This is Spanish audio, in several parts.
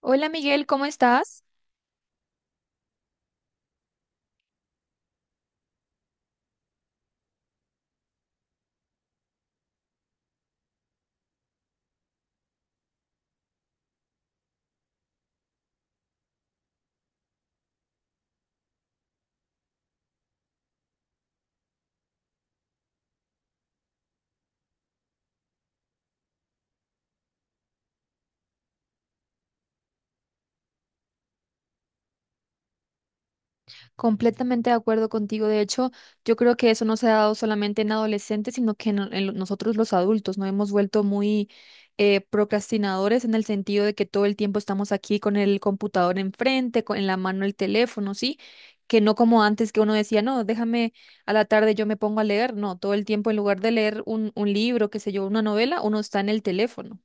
Hola Miguel, ¿cómo estás? Completamente de acuerdo contigo. De hecho, yo creo que eso no se ha dado solamente en adolescentes, sino que nosotros los adultos nos hemos vuelto muy procrastinadores, en el sentido de que todo el tiempo estamos aquí con el computador enfrente, con, en la mano el teléfono, ¿sí? Que no como antes, que uno decía, no, déjame a la tarde yo me pongo a leer. No, todo el tiempo, en lugar de leer un libro, qué sé yo, una novela, uno está en el teléfono.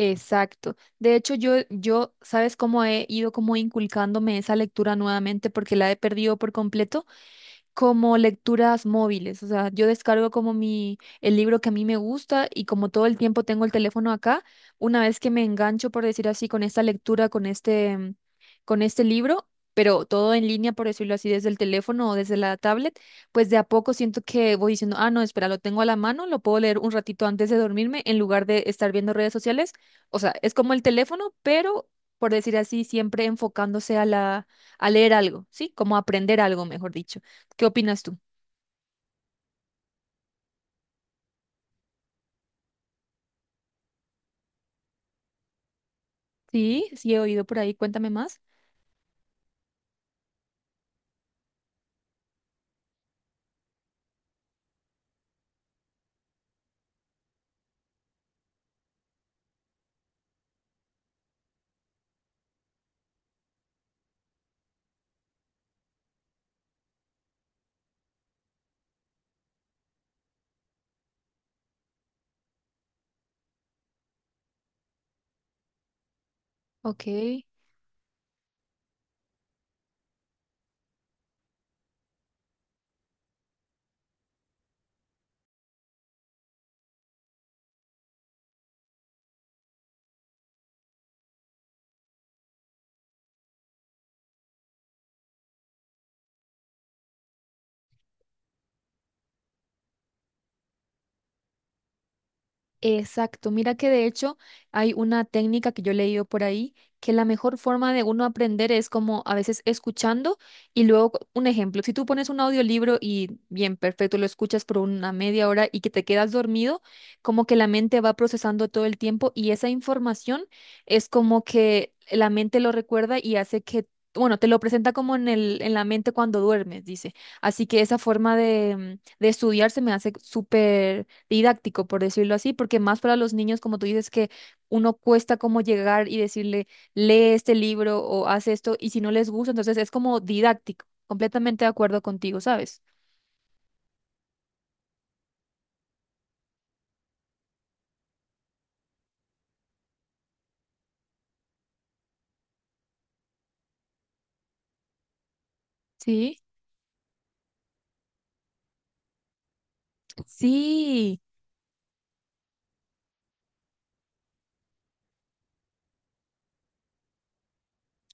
Exacto. De hecho, yo, ¿sabes cómo he ido como inculcándome esa lectura nuevamente? Porque la he perdido por completo, como lecturas móviles. O sea, yo descargo como el libro que a mí me gusta, y como todo el tiempo tengo el teléfono acá, una vez que me engancho, por decir así, con esta lectura, con con este libro, pero todo en línea, por decirlo así, desde el teléfono o desde la tablet, pues de a poco siento que voy diciendo, ah, no, espera, lo tengo a la mano, lo puedo leer un ratito antes de dormirme en lugar de estar viendo redes sociales. O sea, es como el teléfono, pero, por decir así, siempre enfocándose a a leer algo, ¿sí? Como aprender algo, mejor dicho. ¿Qué opinas tú? Sí, sí he oído por ahí, cuéntame más. Ok. Exacto, mira que de hecho hay una técnica que yo he leído por ahí, que la mejor forma de uno aprender es, como a veces, escuchando, y luego un ejemplo, si tú pones un audiolibro y bien, perfecto, lo escuchas por una media hora y que te quedas dormido, como que la mente va procesando todo el tiempo, y esa información es como que la mente lo recuerda y hace que, bueno, te lo presenta como en en la mente cuando duermes, dice. Así que esa forma de, de estudiar, se me hace súper didáctico, por decirlo así, porque más para los niños, como tú dices, que uno cuesta como llegar y decirle, lee este libro o haz esto, y si no les gusta. Entonces es como didáctico, completamente de acuerdo contigo, ¿sabes? Sí, sí.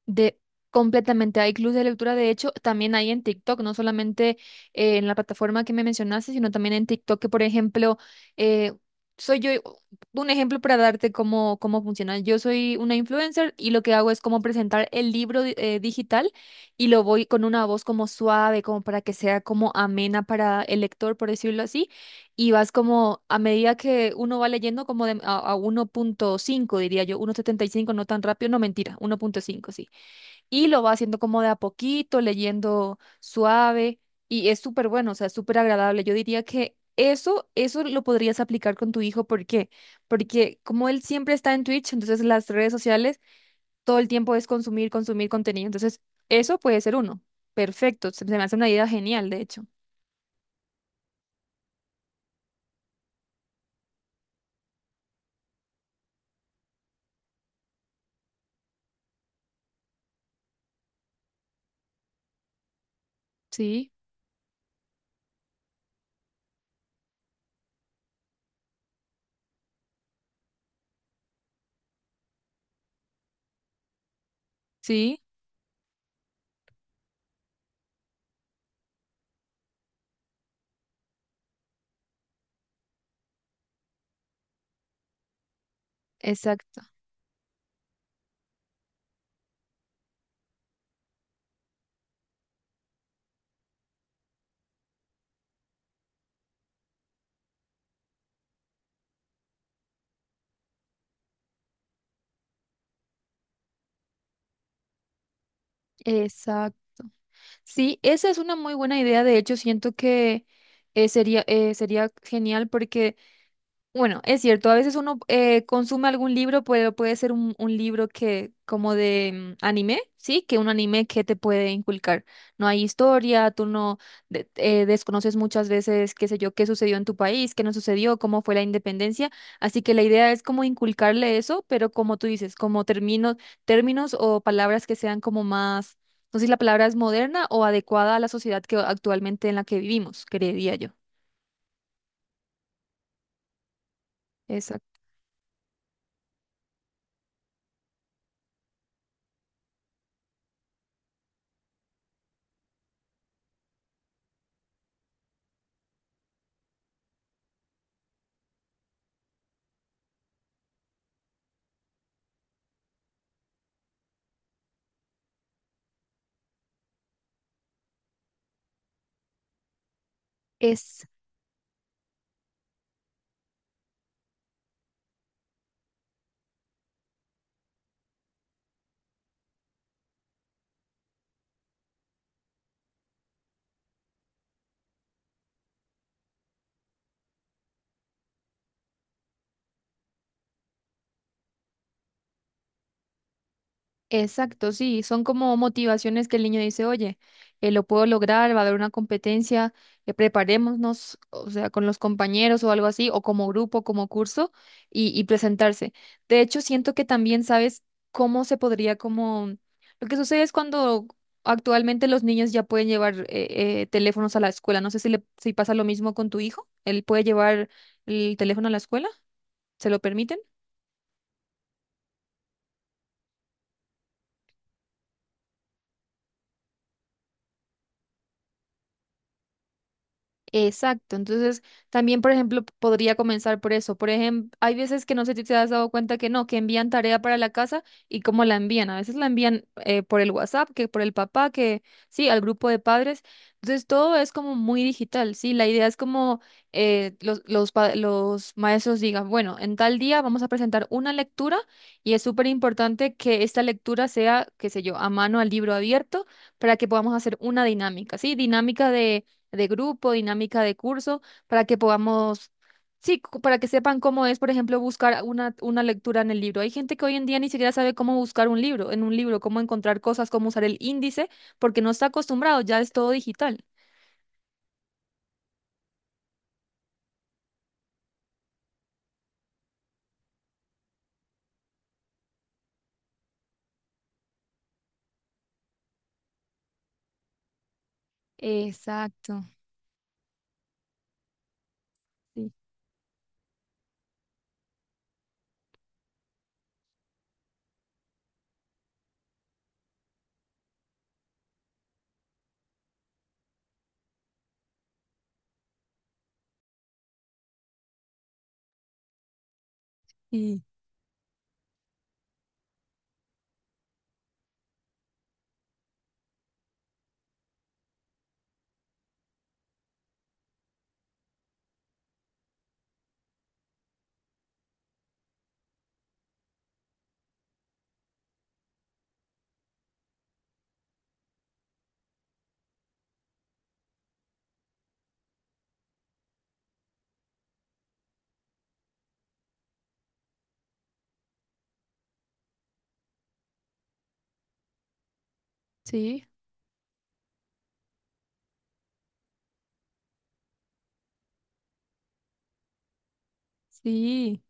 De completamente, hay clubes de lectura, de hecho, también hay en TikTok, no solamente en la plataforma que me mencionaste, sino también en TikTok, que por ejemplo, eh, soy yo, un ejemplo para darte cómo, cómo funciona. Yo soy una influencer y lo que hago es como presentar el libro digital, y lo voy con una voz como suave, como para que sea como amena para el lector, por decirlo así, y vas como a medida que uno va leyendo como de, a 1,5, diría yo, 1,75 no tan rápido, no mentira, 1,5 sí, y lo va haciendo como de a poquito, leyendo suave, y es súper bueno, o sea, súper agradable. Yo diría que eso lo podrías aplicar con tu hijo. ¿Por qué? Porque como él siempre está en Twitch, entonces las redes sociales todo el tiempo es consumir, consumir contenido. Entonces, eso puede ser uno. Perfecto, se me hace una idea genial, de hecho. Sí, sí, exacto, exacto. Sí, esa es una muy buena idea. De hecho, siento que sería genial, porque bueno, es cierto, a veces uno consume algún libro, pero puede ser un libro que, como de anime, ¿sí? Que un anime que te puede inculcar. No hay historia, tú no desconoces muchas veces, qué sé yo, qué sucedió en tu país, qué no sucedió, cómo fue la independencia. Así que la idea es como inculcarle eso, pero como tú dices, como términos o palabras que sean como más, no sé si la palabra es moderna o adecuada a la sociedad que actualmente en la que vivimos, creería yo. Exacto. Exacto, sí, son como motivaciones que el niño dice, oye, lo puedo lograr, va a haber una competencia, preparémonos, o sea, con los compañeros o algo así, o como grupo, como curso, y presentarse. De hecho, siento que también sabes cómo se podría como... Lo que sucede es, cuando actualmente los niños ya pueden llevar teléfonos a la escuela. No sé si, si pasa lo mismo con tu hijo, él puede llevar el teléfono a la escuela, ¿se lo permiten? Exacto, entonces también, por ejemplo, podría comenzar por eso. Por ejemplo, hay veces que no sé si te has dado cuenta que no, que envían tarea para la casa y cómo la envían. A veces la envían por el WhatsApp, que por el papá, que sí, al grupo de padres. Entonces todo es como muy digital, sí. La idea es como los maestros digan, bueno, en tal día vamos a presentar una lectura, y es súper importante que esta lectura sea, qué sé yo, a mano, al libro abierto, para que podamos hacer una dinámica, sí, dinámica de grupo, dinámica de curso, para que podamos, sí, para que sepan cómo es, por ejemplo, buscar una lectura en el libro. Hay gente que hoy en día ni siquiera sabe cómo buscar un libro, en un libro, cómo encontrar cosas, cómo usar el índice, porque no está acostumbrado, ya es todo digital. Exacto. Sí, sí, sí. Sí.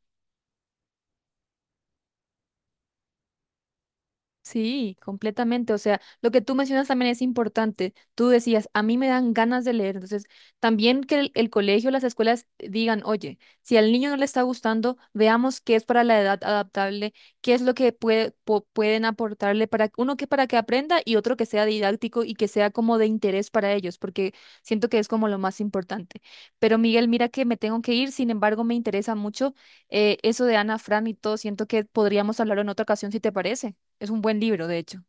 Sí, completamente. O sea, lo que tú mencionas también es importante. Tú decías, a mí me dan ganas de leer. Entonces, también que el colegio, las escuelas digan, oye, si al niño no le está gustando, veamos qué es para la edad adaptable, qué es lo que puede, pueden aportarle, para uno que para que aprenda y otro que sea didáctico y que sea como de interés para ellos, porque siento que es como lo más importante. Pero Miguel, mira que me tengo que ir. Sin embargo, me interesa mucho eso de Ana Fran y todo. Siento que podríamos hablar en otra ocasión, si te parece. Es un buen libro, de hecho.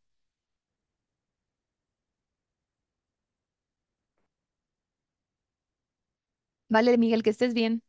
Vale, Miguel, que estés bien.